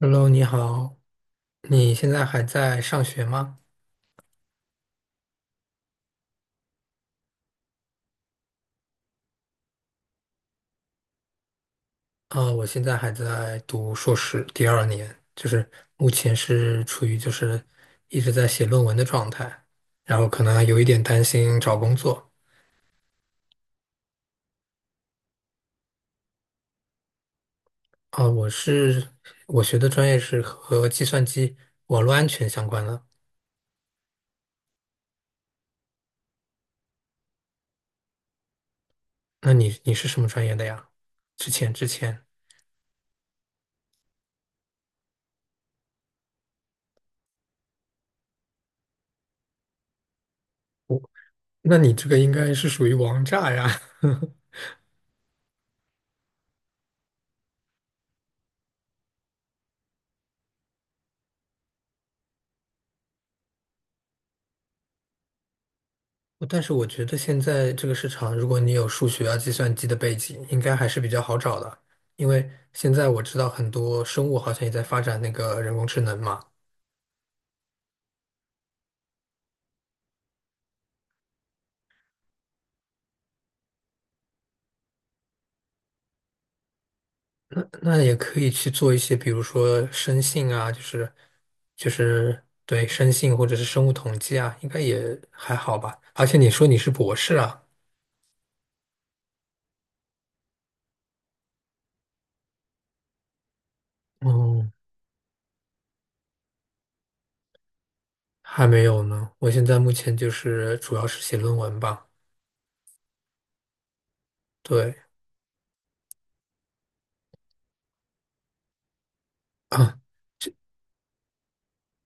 Hello，你好，你现在还在上学吗？我现在还在读硕士第二年，目前是处于一直在写论文的状态，然后可能还有一点担心找工作。啊、我是我学的专业是和计算机网络安全相关的。那你是什么专业的呀？之前之前，那你这个应该是属于王炸呀。但是我觉得现在这个市场，如果你有数学啊、计算机的背景，应该还是比较好找的。因为现在我知道很多生物好像也在发展那个人工智能嘛，那那也可以去做一些，比如说生信啊，就是对生信或者是生物统计啊，应该也还好吧。而且你说你是博士啊。嗯，还没有呢。我现在目前就是主要是写论文吧，对。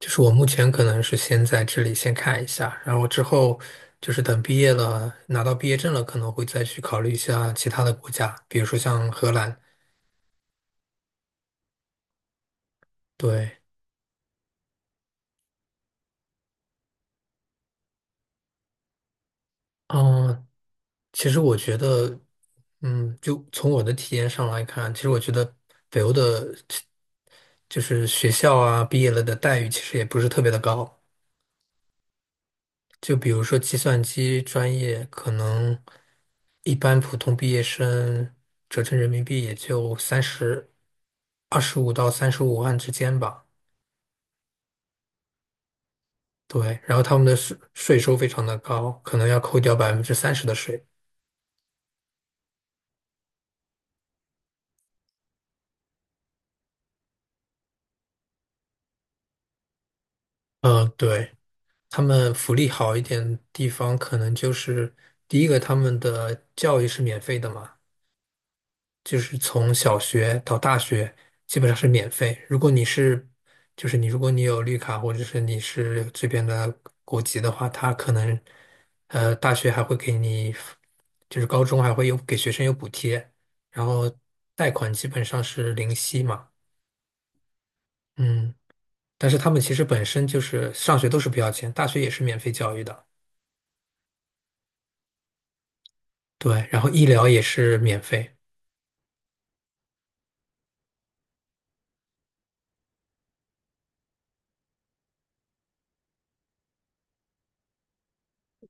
就是我目前可能是先在这里先看一下，然后之后就是等毕业了，拿到毕业证了，可能会再去考虑一下其他的国家，比如说像荷兰。对，嗯，其实我觉得，嗯，就从我的体验上来看，其实我觉得北欧的，就是学校啊，毕业了的待遇其实也不是特别的高。就比如说计算机专业，可能一般普通毕业生折成人民币也就三十、二十五到三十五万之间吧。对，然后他们的税收非常的高，可能要扣掉30%的税。嗯，对，他们福利好一点地方，可能就是第一个，他们的教育是免费的嘛。就是从小学到大学基本上是免费。如果你是，就是你如果你有绿卡或者是你是这边的国籍的话，他可能大学还会给你，就是高中还会有给学生有补贴，然后贷款基本上是零息嘛，嗯。但是他们其实本身就是上学都是不要钱，大学也是免费教育的，对，然后医疗也是免费，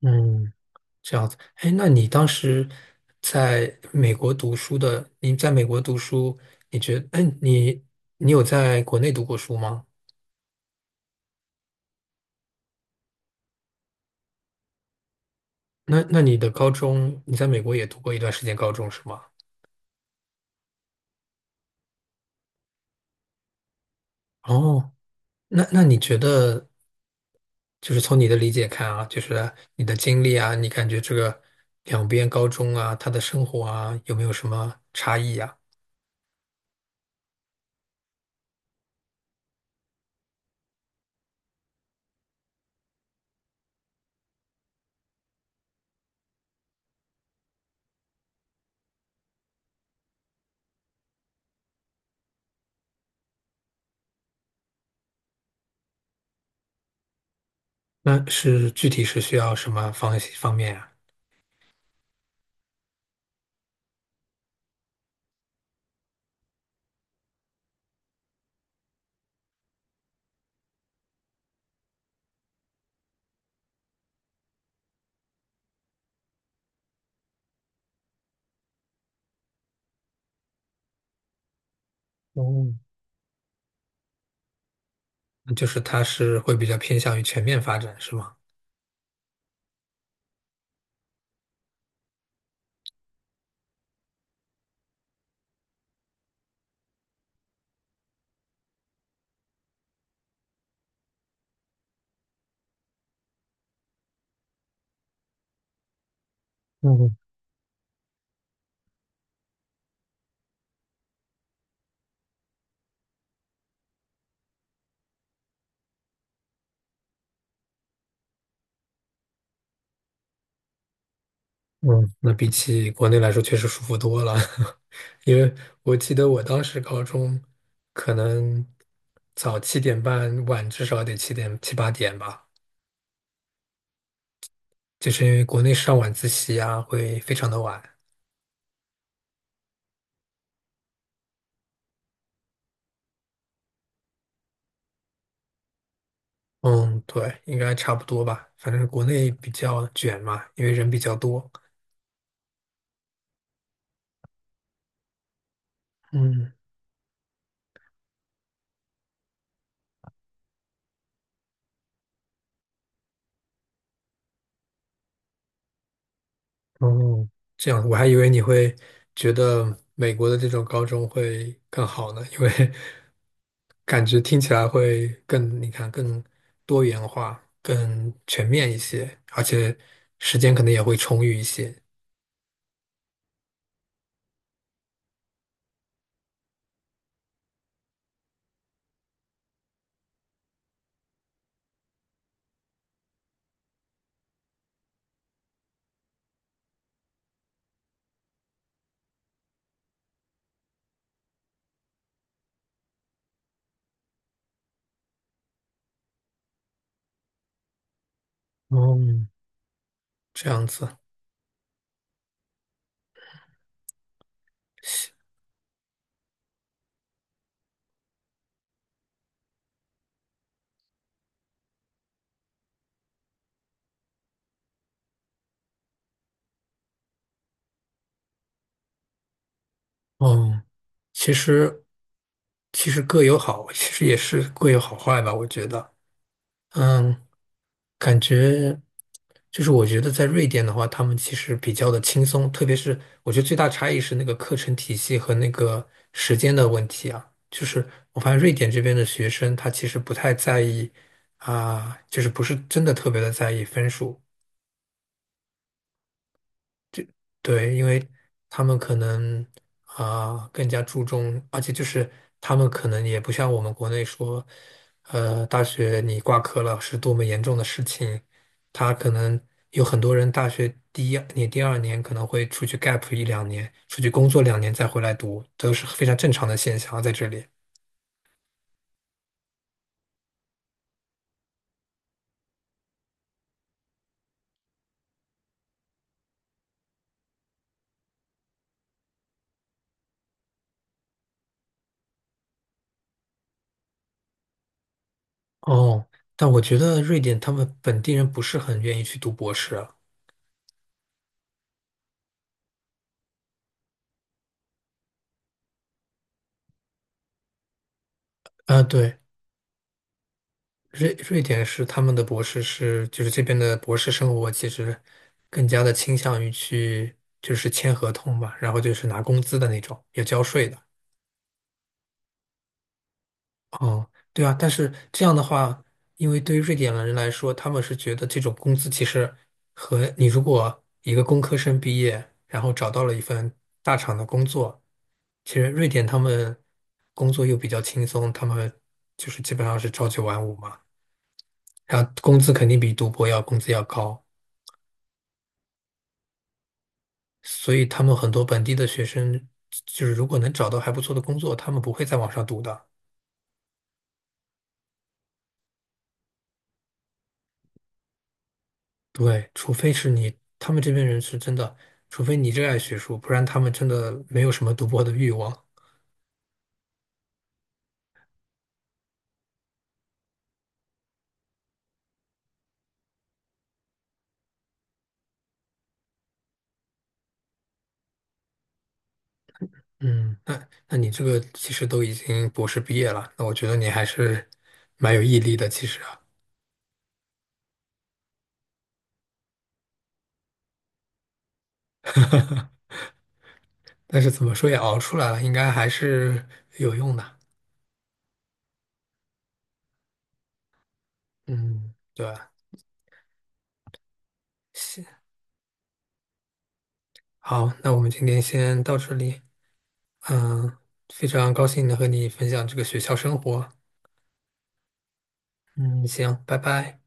嗯。这样子，哎，那你当时在美国读书的，你在美国读书，你觉得，哎，你有在国内读过书吗？那那你的高中，你在美国也读过一段时间高中是吗？哦，那那你觉得，就是从你的理解看啊，就是你的经历啊，你感觉这个两边高中啊，他的生活啊，有没有什么差异呀？那是具体是需要什么方方面啊？哦，那就是他是会比较偏向于全面发展是吗？嗯嗯，那比起国内来说，确实舒服多了。因为我记得我当时高中，可能早7点半，晚至少得7点7、8点吧，就是因为国内上晚自习啊，会非常的晚。嗯，对，应该差不多吧。反正国内比较卷嘛，因为人比较多。嗯，哦，这样，我还以为你会觉得美国的这种高中会更好呢，因为 感觉听起来会更，你看更多元化、更全面一些，而且时间可能也会充裕一些。哦，这样子，哦，其实其实各有好，其实也是各有好坏吧，我觉得。嗯，感觉就是我觉得在瑞典的话，他们其实比较的轻松，特别是我觉得最大差异是那个课程体系和那个时间的问题啊。就是我发现瑞典这边的学生，他其实不太在意啊，就是不是真的特别的在意分数，对，因为他们可能更加注重，而且就是他们可能也不像我们国内说，大学你挂科了是多么严重的事情，他可能有很多人大学第一年、第二年可能会出去 gap 一两年，出去工作两年再回来读，都是非常正常的现象啊在这里。哦，但我觉得瑞典他们本地人不是很愿意去读博士啊。啊，对，瑞典是他们的博士是，就是这边的博士生活其实更加的倾向于去就是签合同吧，然后就是拿工资的那种，也交税的。哦，对啊，但是这样的话，因为对于瑞典人来说，他们是觉得这种工资其实和你如果一个工科生毕业，然后找到了一份大厂的工作，其实瑞典他们工作又比较轻松，他们就是基本上是朝九晚五嘛，然后工资肯定比读博要工资要高。所以他们很多本地的学生，就是如果能找到还不错的工作，他们不会再往上读的。对，除非是你，他们这边人是真的，除非你热爱学术，不然他们真的没有什么读博的欲望。嗯，那那你这个其实都已经博士毕业了，那我觉得你还是蛮有毅力的，其实啊。但是怎么说也熬出来了，应该还是有用的。嗯，对，行，好，那我们今天先到这里。嗯，非常高兴能和你分享这个学校生活。嗯，行，拜拜。